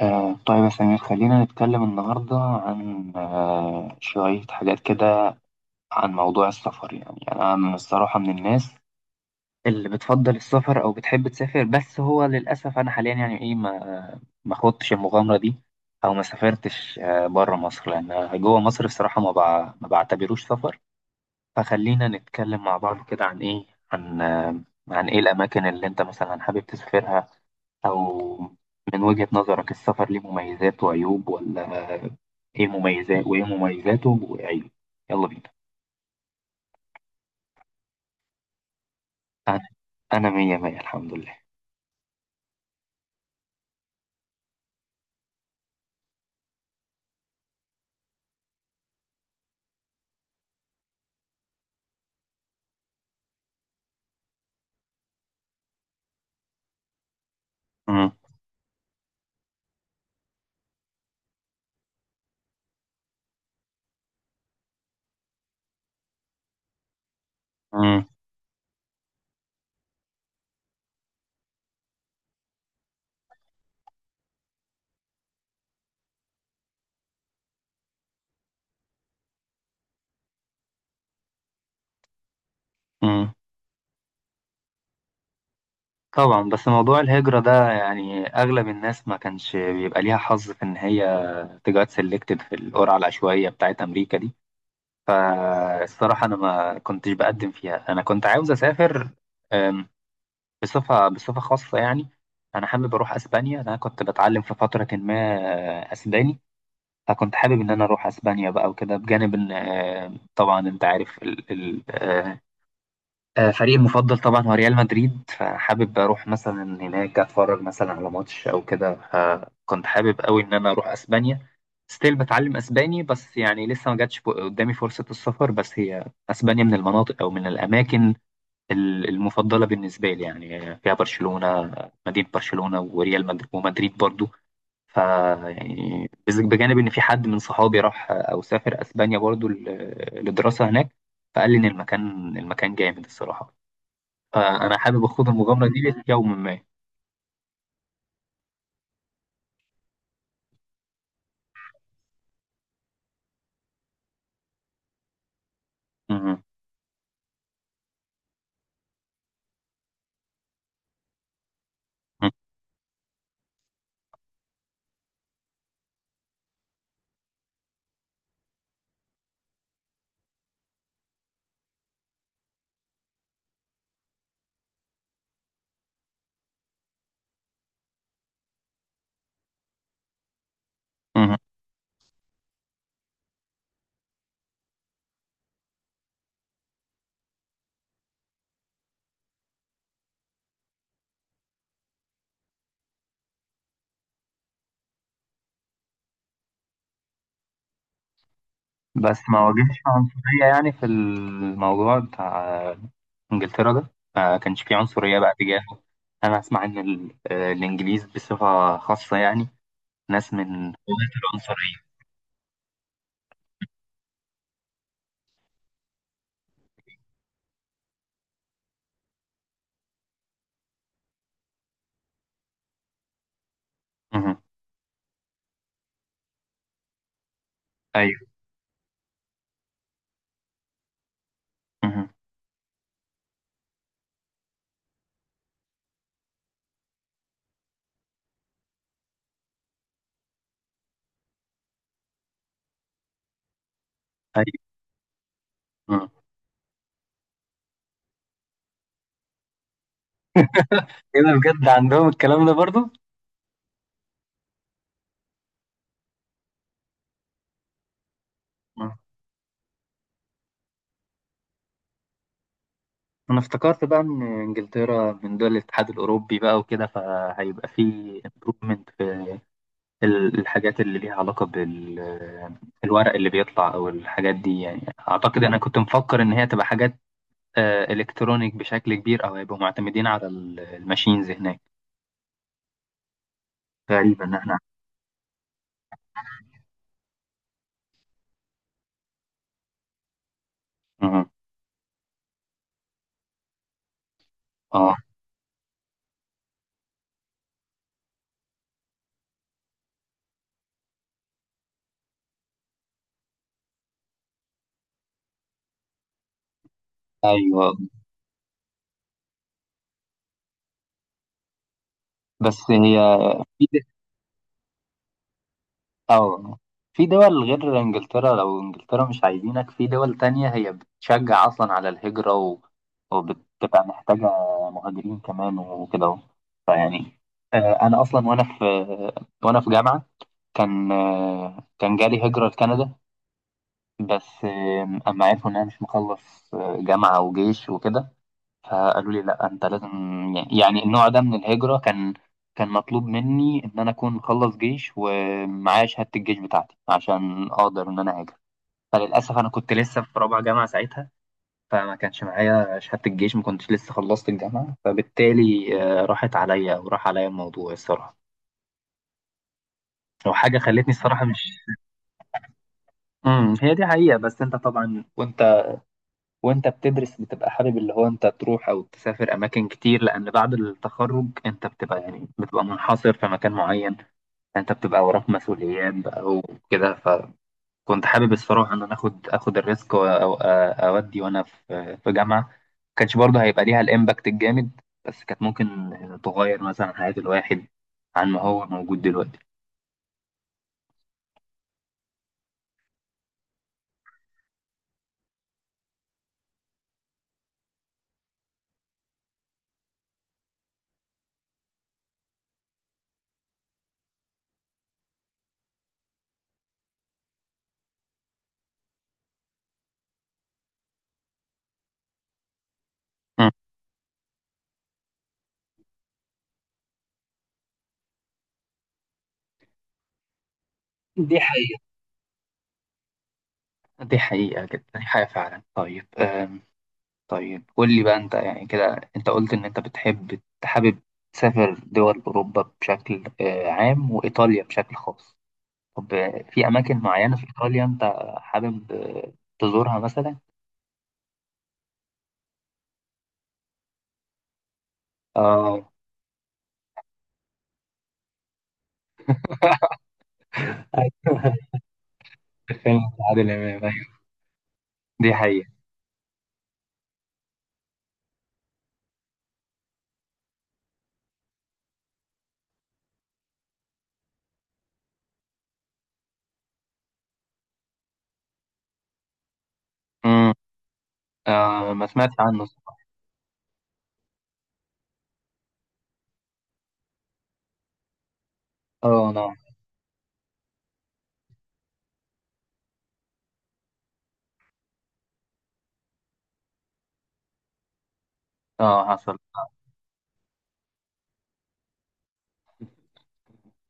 طيب يا سمير، خلينا نتكلم النهاردة عن شوية حاجات كده عن موضوع السفر. يعني أنا من الصراحة من الناس اللي بتفضل السفر أو بتحب تسافر، بس هو للأسف أنا حاليا يعني إيه، ما خدتش المغامرة دي، أو ما سافرتش بره مصر، لأن جوه مصر الصراحة ما بعتبروش سفر. فخلينا نتكلم مع بعض كده عن إيه عن آه عن إيه الأماكن اللي أنت مثلا حابب تسافرها، أو من وجهة نظرك السفر ليه مميزات وعيوب ولا إيه؟ مميزات وإيه مميزاته وعيوب. يلا بينا. أنا أنا مية مية الحمد لله. مم. مم. مم. طبعا بس موضوع الهجرة ده يعني أغلب الناس ما كانش بيبقى ليها حظ في إن هي تجات سيلكتد في القرعة العشوائية بتاعت أمريكا دي. فالصراحة أنا ما كنتش بقدم فيها، أنا كنت عاوز أسافر بصفة خاصة يعني. أنا حابب أروح أسبانيا، أنا كنت بتعلم في فترة ما أسباني، فكنت حابب إن أنا أروح أسبانيا بقى وكده، بجانب إن طبعا أنت عارف فريقي المفضل طبعا هو ريال مدريد، فحابب أروح مثلا هناك أتفرج مثلا على ماتش أو كده. فكنت حابب أوي إن أنا أروح أسبانيا، ستيل بتعلم أسباني، بس يعني لسه ما جاتش قدامي فرصة السفر. بس هي أسبانيا من المناطق أو من الأماكن المفضلة بالنسبة لي، يعني فيها برشلونة، مدينة برشلونة وريال مدريد ومدريد برضو. ف يعني بجانب إن في حد من صحابي راح أو سافر أسبانيا برضو لدراسة هناك، فقال لي إن المكان جامد الصراحة، فأنا حابب أخوض المغامرة دي في يوم ما. مهم. مهم. بس ما واجهش عنصرية يعني في الموضوع بتاع إنجلترا ده؟ ما كانش فيه عنصرية بقى تجاهه؟ أنا أسمع إن الإنجليز بصفة خاصة يعني ناس من قوات العنصرية. مهم. أيوه. مهم. أيوه. مهم. إيه ده بجد عندهم الكلام ده برضو؟ مم. أنا افتكرت بقى إن إنجلترا من دول الاتحاد الأوروبي بقى وكده، فهيبقى فيه improvement في الحاجات اللي ليها علاقة بالورق اللي بيطلع أو الحاجات دي، يعني أعتقد أنا كنت مفكر إن هي تبقى حاجات إلكترونيك بشكل كبير، أو هيبقوا معتمدين على الماشينز هناك. غريبة إن إحنا. مهم. آه. أيوه. بس هي، أو في دول غير إنجلترا، لو إنجلترا مش عايزينك في دول تانية هي بتشجع أصلا على الهجرة، و... وبتبقى محتاجة مهاجرين كمان وكده أهو. فيعني أنا أصلا وأنا في جامعة، كان كان جالي هجرة لكندا، بس أما عرفوا إن أنا مش مخلص جامعة وجيش وكده، فقالوا لي لا انت لازم يعني النوع ده من الهجرة كان كان مطلوب مني ان انا اكون مخلص جيش ومعايا شهادة الجيش بتاعتي عشان اقدر ان انا هاجر. فللاسف انا كنت لسه في رابعة جامعة ساعتها، فما كانش معايا شهادة الجيش، ما كنتش لسه خلصت الجامعة، فبالتالي راحت عليا وراح عليا الموضوع الصراحة، وحاجة خلتني الصراحة مش. هي دي حقيقة، بس انت طبعا وانت بتدرس بتبقى حابب اللي هو انت تروح او تسافر اماكن كتير، لان بعد التخرج انت بتبقى يعني بتبقى منحصر في مكان معين، انت بتبقى وراك مسؤوليات بقى وكده، فكنت حابب الصراحه ان انا اخد الريسك اودي وانا في جامعه. ما كانش برضه هيبقى ليها الامباكت الجامد، بس كانت ممكن تغير مثلا حياه الواحد عن ما هو موجود دلوقتي. مم. دي حقيقة. دي حقيقة جدا، دي حقيقة فعلا. طيب طيب قول لي بقى انت، يعني كده انت قلت ان انت بتحب حابب تسافر دول اوروبا بشكل عام وايطاليا بشكل خاص. طب في اماكن معينة في ايطاليا انت حابب تزورها مثلا؟ اه. ايوه. فيلم عادل امام، ايوه دي حقيقة. امم. آه ما سمعتش عنه الصراحة. اه انا. اه حصل.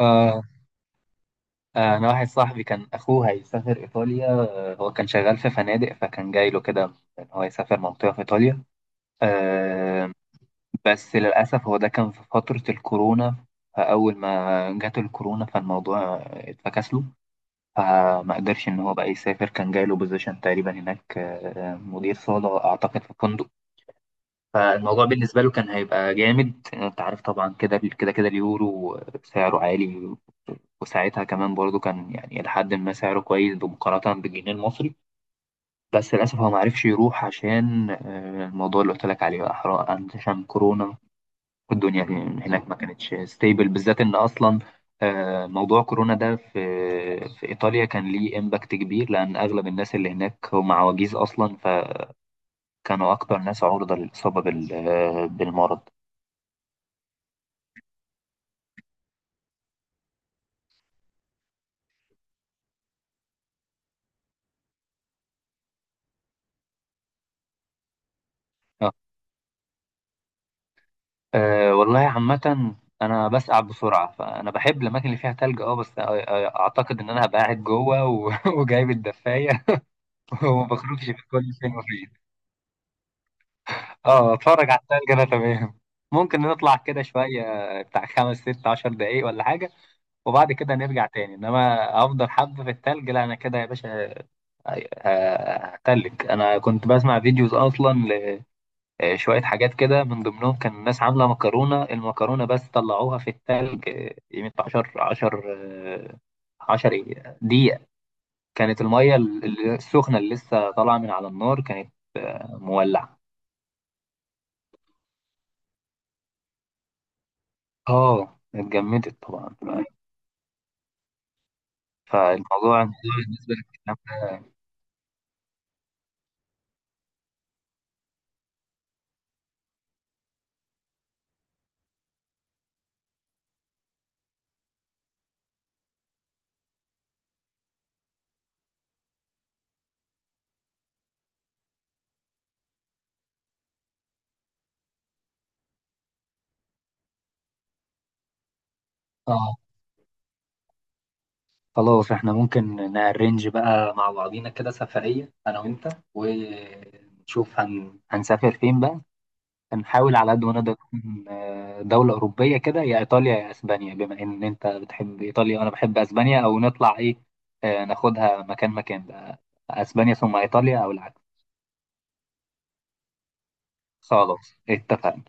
آه. انا واحد صاحبي كان اخوه هيسافر ايطاليا، هو كان شغال في فنادق فكان جاي له كده ان هو يسافر منطقة في ايطاليا. آه. بس للأسف هو ده كان في فترة الكورونا، فأول ما جات الكورونا فالموضوع اتفكس له، فما قدرش إن هو بقى يسافر. كان جاي له بوزيشن تقريبا هناك، مدير صالة أعتقد في فندق. فالموضوع بالنسبة له كان هيبقى جامد. أنت عارف طبعا كده كده كده اليورو سعره عالي، وساعتها كمان برضو كان يعني لحد ما سعره كويس بمقارنة بالجنيه المصري. بس للأسف هو معرفش يروح عشان الموضوع اللي قلت لك عليه بقى حرام، عشان كورونا والدنيا هناك ما كانتش ستيبل، بالذات ان اصلا موضوع كورونا ده في ايطاليا كان ليه امباكت كبير، لان اغلب الناس اللي هناك هم عواجيز اصلا، فكانوا اكتر ناس عرضة للاصابة بالمرض. آه. والله عامة انا بسقع بسرعة، فانا بحب الاماكن اللي فيها تلج. اه بس اعتقد ان انا هبقى قاعد جوه وجايب الدفاية وما بخرجش في كل فين وفين. اه اتفرج على التاني كده تمام. ممكن نطلع كده شوية بتاع خمس ست 10 دقايق ولا حاجة، وبعد كده نرجع تاني، انما افضل حبة في التلج لا، انا كده يا باشا هتلج. انا كنت بسمع فيديوز اصلا لشوية حاجات كده، من ضمنهم كان الناس عاملة مكرونة، المكرونة بس طلعوها في التلج قيمة عشر عشر إيه؟ دقيقة. كانت المية السخنة اللي لسه طالعة من على النار كانت مولعة. اه اتجمدت طبعا. فالموضوع بالنسبة لك إن إحنا-. اه خلاص احنا ممكن نأرنج بقى مع بعضينا كده سفرية أنا وأنت، ونشوف هنسافر فين بقى. هنحاول على قد ما نقدر نكون، دولة أوروبية كده، يا إيطاليا يا أسبانيا، بما إن أنت بتحب إيطاليا وأنا بحب أسبانيا. أو نطلع إيه، ناخدها مكان مكان بقى، أسبانيا ثم إيطاليا أو العكس. خلاص اتفقنا.